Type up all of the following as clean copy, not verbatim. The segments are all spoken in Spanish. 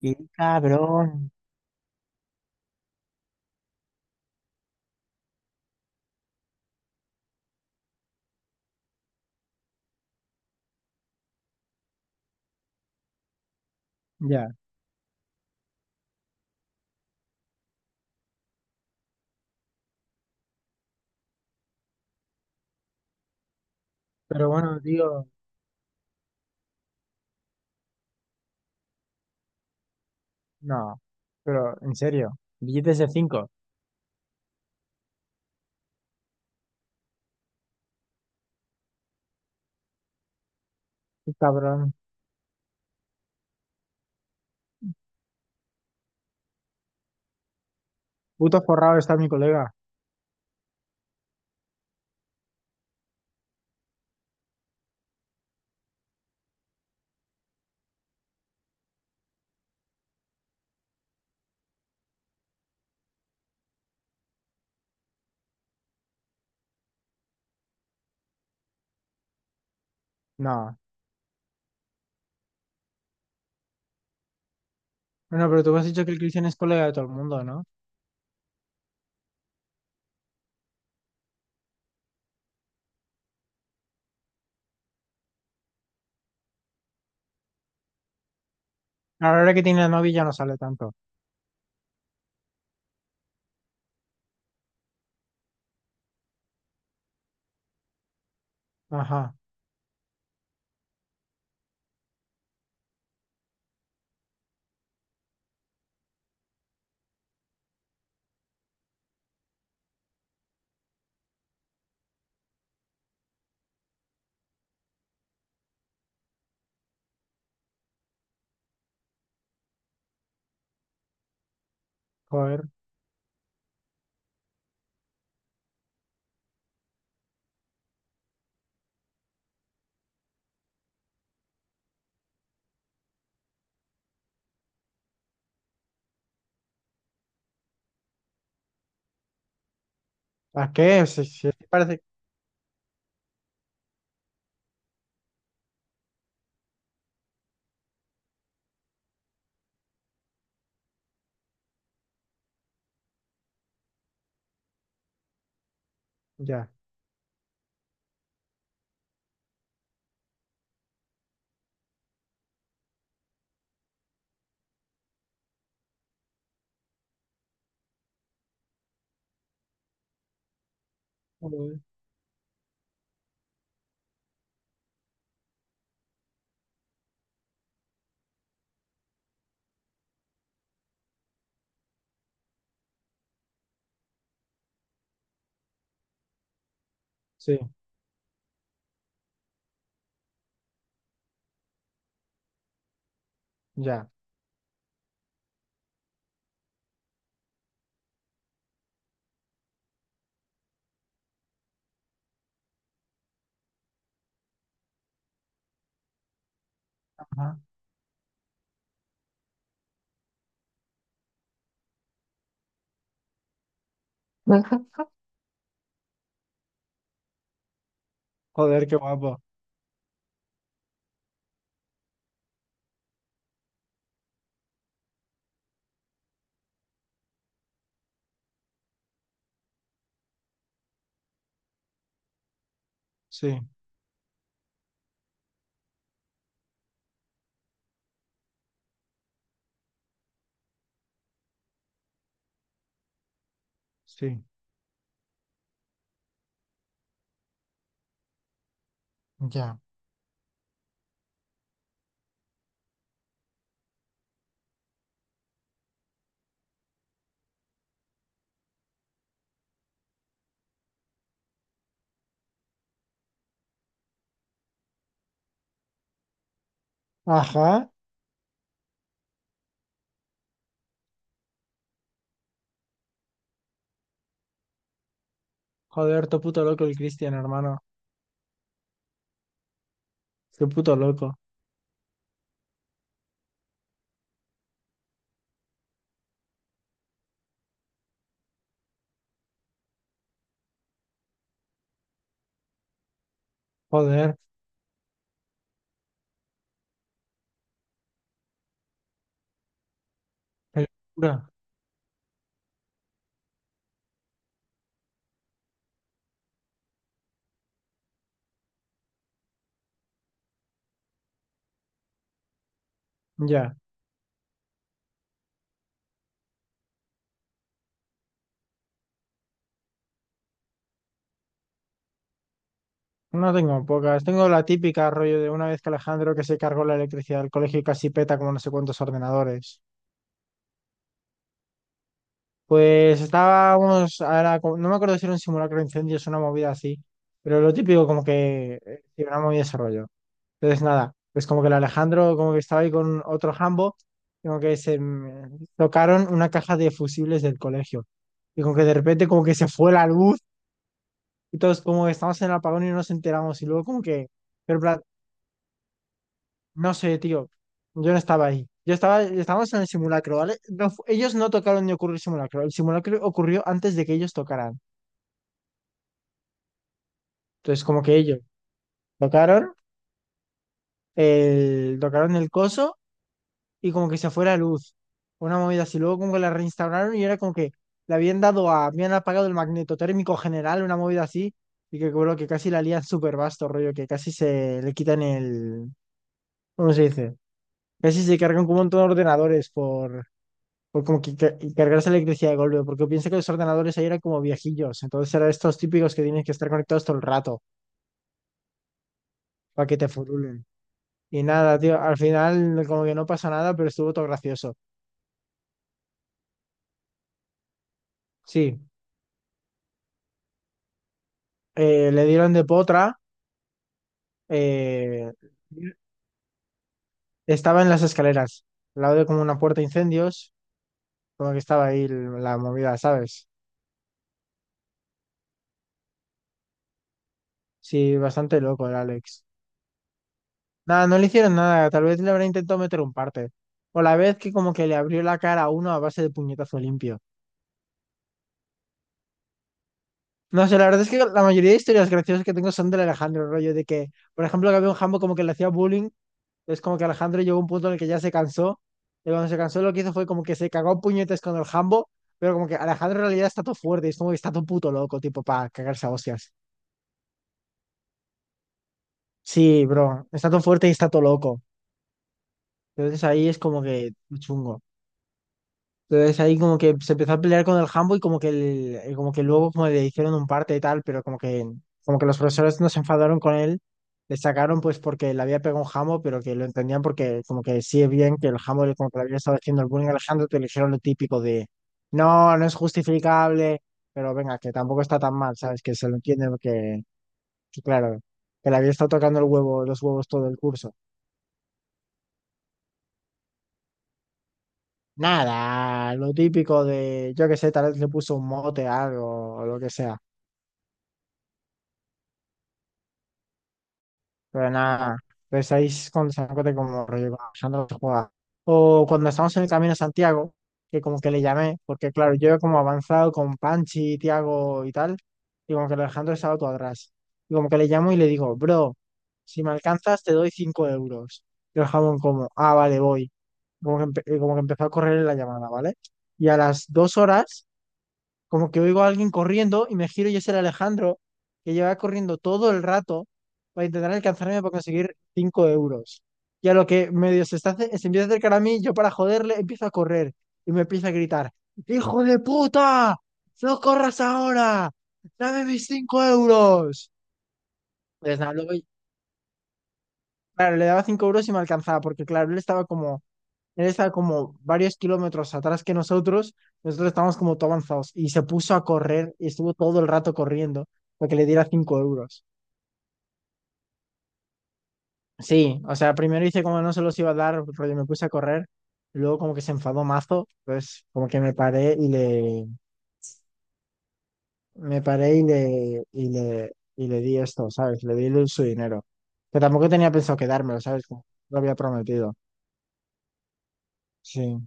Qué cabrón. Ya, pero bueno, tío, no, pero en serio, billetes de 5, cabrón, puto forrado está mi colega. No, bueno, pero tú me has dicho que el Cristian es colega de todo el mundo, ¿no? Ahora que tiene novia ya no sale tanto, ajá. Joder, ¿a qué? Sí, sí, es que parece, ya. Joder, sí, ya, ajá, joder, qué guapo, sí, sí, ya, ajá. Joder, todo puto loco el Cristian, hermano, qué puto loco, joder, qué locura. Ya, no tengo pocas. Tengo la típica rollo de una vez que Alejandro que se cargó la electricidad del colegio y casi peta como no sé cuántos ordenadores. Pues estábamos, ahora, no me acuerdo si era un simulacro de incendios o una movida así, pero lo típico como que sí, una movida de ese rollo. Entonces nada, pues como que el Alejandro como que estaba ahí con otro jambo, como que se tocaron una caja de fusibles del colegio. Y como que de repente como que se fue la luz y todos como que estamos en el apagón y no nos enteramos y luego como que... Pero no sé, tío. Yo no estaba ahí. Yo estaba, estábamos en el simulacro, ¿vale? Ellos no tocaron ni ocurrió el simulacro. El simulacro ocurrió antes de que ellos tocaran. Entonces, como que ellos tocaron tocaron el coso y como que se fue la luz. Una movida así. Luego como que la reinstauraron y era como que le habían dado a, habían apagado el magneto térmico general, una movida así. Y que creo que casi la lían súper vasto, rollo, que casi se le quitan el, ¿cómo se dice? Casi se cargan como un montón de ordenadores por como que cargarse la electricidad de golpe, porque pienso que los ordenadores ahí eran como viejillos, entonces eran estos típicos que tienen que estar conectados todo el rato para que te furulen. Y nada, tío, al final no, como que no pasa nada, pero estuvo todo gracioso. Sí, le dieron de potra. eh, Estaba en las escaleras, al lado de como una puerta de incendios, como que estaba ahí la movida, ¿sabes? Sí, bastante loco el Alex. Nada, no le hicieron nada, tal vez le habrán intentado meter un parte. O la vez que como que le abrió la cara a uno a base de puñetazo limpio. No sé, la verdad es que la mayoría de historias graciosas que tengo son del Alejandro, el rollo de que, por ejemplo, que había un jambo como que le hacía bullying, es como que Alejandro llegó a un punto en el que ya se cansó, y cuando se cansó lo que hizo fue como que se cagó a puñetes con el jambo, pero como que Alejandro en realidad está todo fuerte, y es como que está todo puto loco, tipo, para cagarse a hostias. Sí, bro, está todo fuerte y está todo loco. Entonces ahí es como que chungo. Entonces ahí como que se empezó a pelear con el Hambo y como que, como que luego como le hicieron un parte y tal, pero como que los profesores no se enfadaron con él, le sacaron pues porque le había pegado un Hambo, pero que lo entendían porque como que sí es bien que el Hambo como que le había estado haciendo el bullying a Alejandro, te le dijeron lo típico de, no, no es justificable, pero venga, que tampoco está tan mal, ¿sabes? Que se lo entiende porque, que claro, que le había estado tocando el huevo, los huevos todo el curso. Nada, lo típico de, yo qué sé, tal vez le puso un mote a algo o lo que sea. Pero nada, pues estáis con de como rollo, conversando no se. O cuando estamos en el camino a Santiago, que como que le llamé, porque claro, yo como avanzado con Panchi, Tiago y tal, y como que el Alejandro estaba todo atrás. Y como que le llamo y le digo, bro, si me alcanzas te doy 5 euros. Y el jamón como, ah, vale, voy. Como que, como que empezó a correr la llamada, ¿vale? Y a las 2 horas como que oigo a alguien corriendo y me giro y es el Alejandro que lleva corriendo todo el rato para intentar alcanzarme para conseguir 5 euros. Y a lo que medio se, está, se empieza a acercar a mí, yo para joderle empiezo a correr y me empieza a gritar, ¡Hijo de puta! ¡No corras ahora! ¡Dame mis 5 euros! Pues nada, luego, claro, le daba 5 euros y me alcanzaba porque claro, él está como varios kilómetros atrás que nosotros. Nosotros estábamos como todo avanzados. Y se puso a correr y estuvo todo el rato corriendo para que le diera 5 euros. Sí, o sea, primero hice como no se los iba a dar, rollo, me puse a correr. Luego como que se enfadó mazo. Entonces como que me paré Me paré Y y le di esto, ¿sabes? Le di su dinero. Que tampoco tenía pensado quedármelo, ¿sabes? Como lo había prometido. Sí,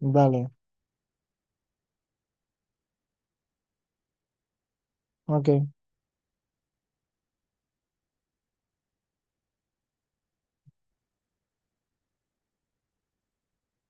vale. Ok.